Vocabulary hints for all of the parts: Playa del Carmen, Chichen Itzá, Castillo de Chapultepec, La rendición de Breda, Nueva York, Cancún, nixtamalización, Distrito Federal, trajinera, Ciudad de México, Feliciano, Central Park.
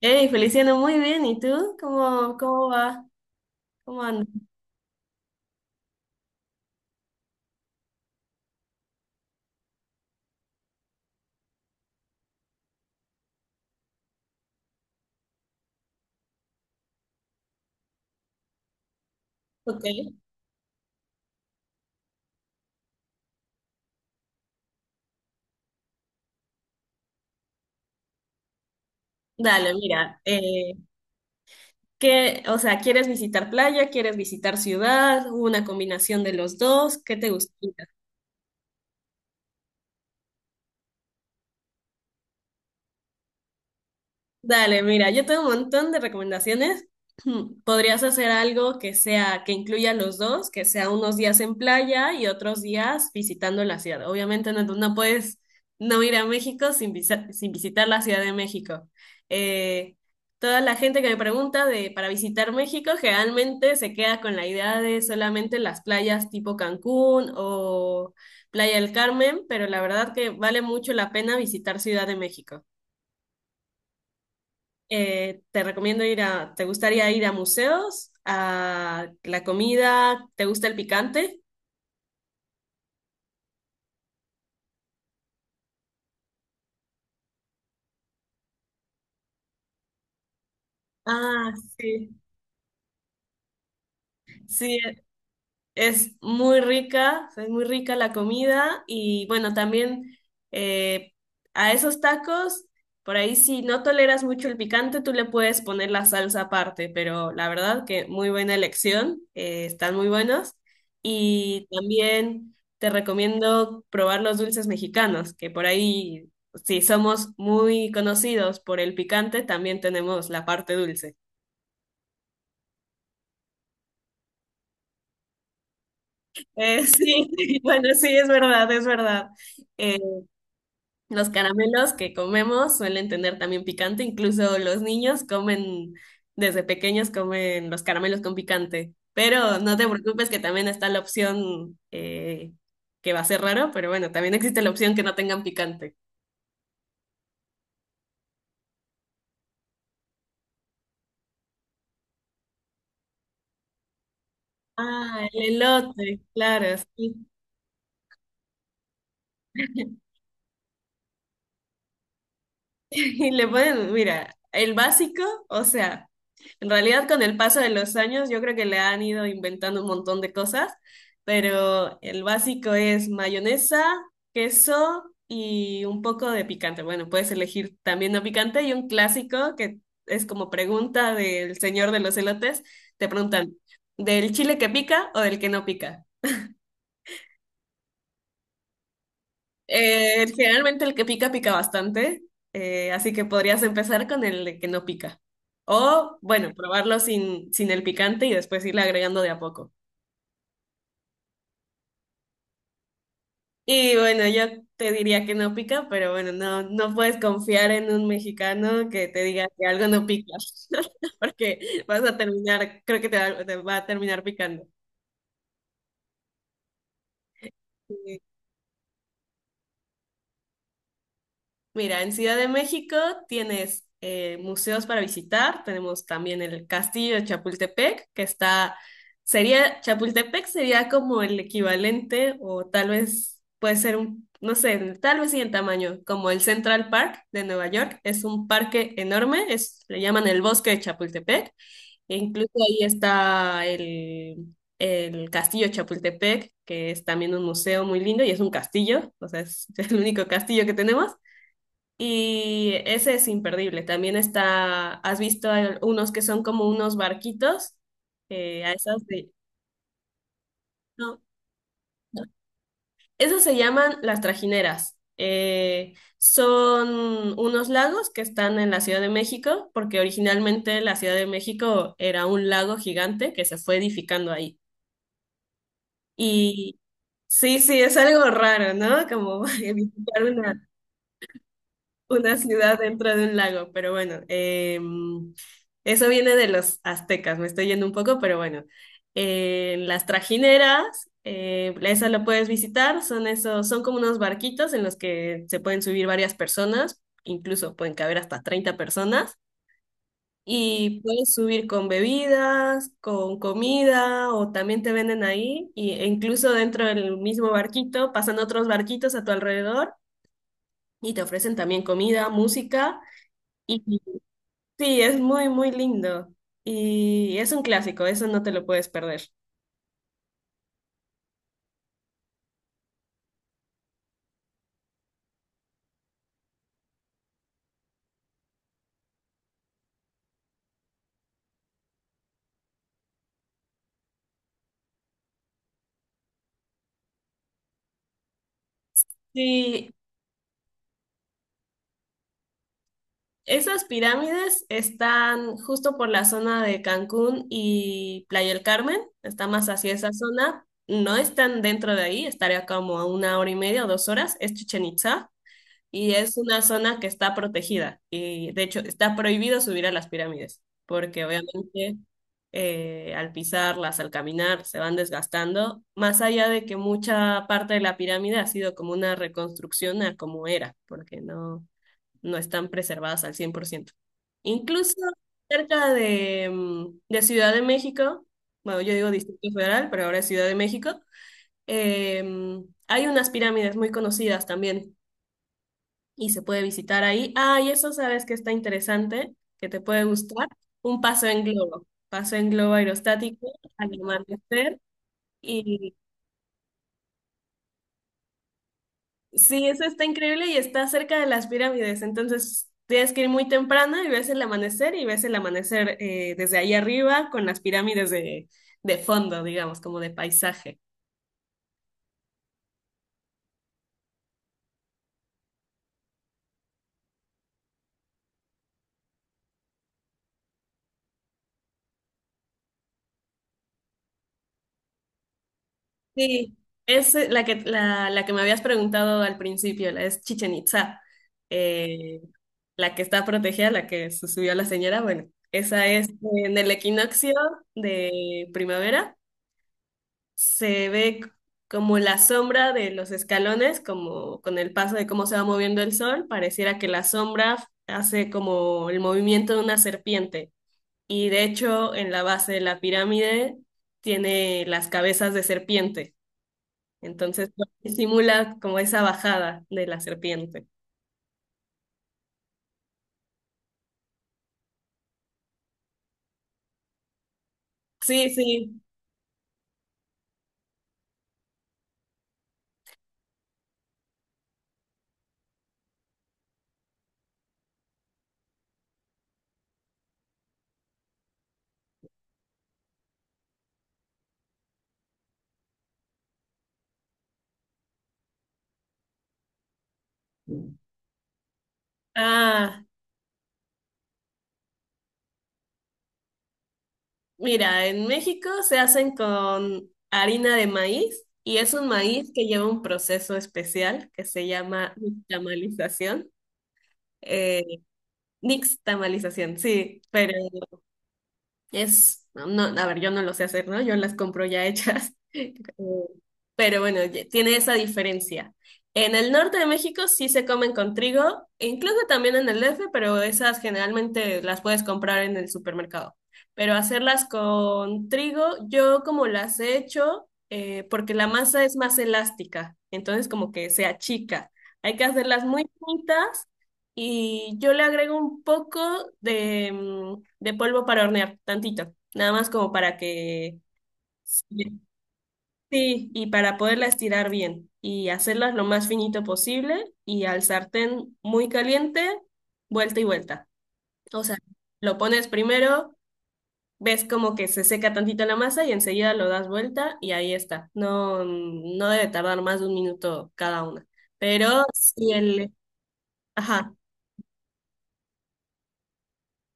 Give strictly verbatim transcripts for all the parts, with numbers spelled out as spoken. Hey, Feliciano, muy bien. ¿Y tú? ¿Cómo, cómo va? ¿Cómo andas? Ok. Dale, mira, eh, ¿qué, o sea, ¿quieres visitar playa? ¿Quieres visitar ciudad? ¿Una combinación de los dos? ¿Qué te gusta? Dale, mira, yo tengo un montón de recomendaciones. Podrías hacer algo que sea, que incluya los dos, que sea unos días en playa y otros días visitando la ciudad. Obviamente no, no puedes no ir a México sin, visa- sin visitar la Ciudad de México. Eh, toda la gente que me pregunta de para visitar México generalmente se queda con la idea de solamente las playas tipo Cancún o Playa del Carmen, pero la verdad que vale mucho la pena visitar Ciudad de México. Eh, te recomiendo ir a, ¿te gustaría ir a museos? ¿A la comida? ¿Te gusta el picante? Ah, sí. Sí, es muy rica, o sea, es muy rica la comida y bueno, también eh, a esos tacos, por ahí si no toleras mucho el picante, tú le puedes poner la salsa aparte, pero la verdad que muy buena elección, eh, están muy buenos y también te recomiendo probar los dulces mexicanos, que por ahí si somos muy conocidos por el picante, también tenemos la parte dulce. Eh, sí, bueno, sí, es verdad, es verdad. Eh, Los caramelos que comemos suelen tener también picante, incluso los niños comen, desde pequeños comen los caramelos con picante, pero no te preocupes que también está la opción eh, que va a ser raro, pero bueno, también existe la opción que no tengan picante. Ah, el elote, claro, sí. Y le pueden mira, el básico, o sea, en realidad con el paso de los años yo creo que le han ido inventando un montón de cosas, pero el básico es mayonesa, queso y un poco de picante. Bueno, puedes elegir también no picante y un clásico que es como pregunta del señor de los elotes, te preguntan, ¿del chile que pica o del que no pica? Eh, generalmente el que pica pica bastante, eh, así que podrías empezar con el que no pica. O, bueno, probarlo sin, sin el picante y después irle agregando de a poco. Y bueno, yo te diría que no pica, pero bueno, no, no puedes confiar en un mexicano que te diga que algo no pica, porque vas a terminar, creo que te va, te va a terminar picando. Mira, en Ciudad de México tienes eh, museos para visitar, tenemos también el Castillo de Chapultepec, que está, sería, Chapultepec sería como el equivalente, o tal vez puede ser un, no sé, tal vez sí en tamaño, como el Central Park de Nueva York, es un parque enorme, es, le llaman el Bosque de Chapultepec, e incluso ahí está el, el Castillo de Chapultepec, que es también un museo muy lindo y es un castillo, o sea, es el único castillo que tenemos. Y ese es imperdible. También está, ¿has visto al- unos que son como unos barquitos? Eh, a esas de... No, no. Esas se llaman las trajineras. Eh, son unos lagos que están en la Ciudad de México, porque originalmente la Ciudad de México era un lago gigante que se fue edificando ahí. Y sí, sí, es algo raro, ¿no? Como edificar una Una ciudad dentro de un lago, pero bueno, em, eso viene de los aztecas, me estoy yendo un poco, pero bueno. En las trajineras, eh, esa lo puedes visitar, son esos, son como unos barquitos en los que se pueden subir varias personas, incluso pueden caber hasta treinta personas, y puedes subir con bebidas, con comida, o también te venden ahí, y, e incluso dentro del mismo barquito pasan otros barquitos a tu alrededor y te ofrecen también comida, música. Sí, es muy, muy lindo. Y es un clásico, eso no te lo puedes perder. Sí, esas pirámides están justo por la zona de Cancún y Playa del Carmen, está más hacia esa zona. No están dentro de ahí, estaría como a una hora y media o dos horas, es Chichen Itzá. Y es una zona que está protegida y de hecho está prohibido subir a las pirámides porque obviamente eh, al pisarlas, al caminar, se van desgastando, más allá de que mucha parte de la pirámide ha sido como una reconstrucción a como era, porque no, no están preservadas al cien por ciento. Incluso cerca de, mm, de Ciudad de México, bueno, yo digo Distrito Federal, pero ahora es Ciudad de México, em, hay unas pirámides muy conocidas también y se puede visitar ahí. Ah, y eso sabes que está interesante, que te puede gustar. Un paseo en globo, paseo en globo aerostático al amanecer. Y sí, eso está increíble y está cerca de las pirámides. Entonces tienes que ir muy temprano y ves el amanecer y ves el amanecer eh, desde ahí arriba con las pirámides de, de fondo, digamos, como de paisaje. Sí, es eh, la que, la, la que me habías preguntado al principio, la es Chichen Itza, eh, la que está protegida, la que se subió la señora. Bueno, esa es eh, en el equinoccio de primavera. Se ve c- como la sombra de los escalones, como con el paso de cómo se va moviendo el sol, pareciera que la sombra hace como el movimiento de una serpiente. Y de hecho, en la base de la pirámide tiene las cabezas de serpiente. Entonces, pues, simula como esa bajada de la serpiente. Sí, sí. Ah, mira, en México se hacen con harina de maíz y es un maíz que lleva un proceso especial que se llama nixtamalización. Eh, nixtamalización, sí, pero es, no, a ver, yo no lo sé hacer, ¿no? Yo las compro ya hechas. Eh, Pero bueno, ye- tiene esa diferencia. En el norte de México sí se comen con trigo, e incluso también en el D F, pero esas generalmente las puedes comprar en el supermercado. Pero hacerlas con trigo, yo como las he hecho, eh, porque la masa es más elástica, entonces como que se achica. Hay que hacerlas muy finitas y yo le agrego un poco de, mm, de polvo para hornear, tantito, nada más como para que... Sí, sí, y para poderla estirar bien y hacerlas lo más finito posible y al sartén muy caliente, vuelta y vuelta. O sea, lo pones primero, ves como que se seca tantito la masa y enseguida lo das vuelta y ahí está. No, mm, no debe tardar más de un minuto cada una. Pero si el... Ajá.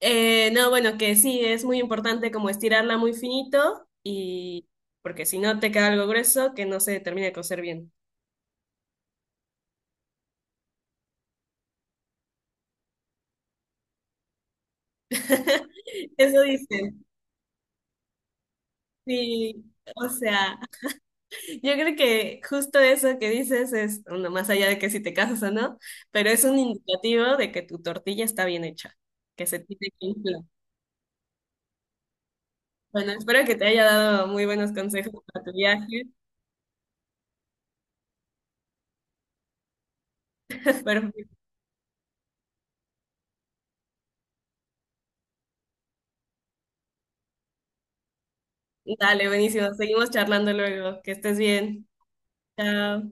Eh, no, bueno, que sí, es muy importante como estirarla muy finito y porque si no te queda algo grueso que no se termina de cocer bien. Eso dicen. Sí, o sea, yo creo que justo eso que dices es, bueno, más allá de que si te casas o no, pero es un indicativo de que tu tortilla está bien hecha, que se tiene que inflar. Bueno, espero que te haya dado muy buenos consejos para tu viaje. Perfecto. Dale, buenísimo. Seguimos charlando luego. Que estés bien. Chao.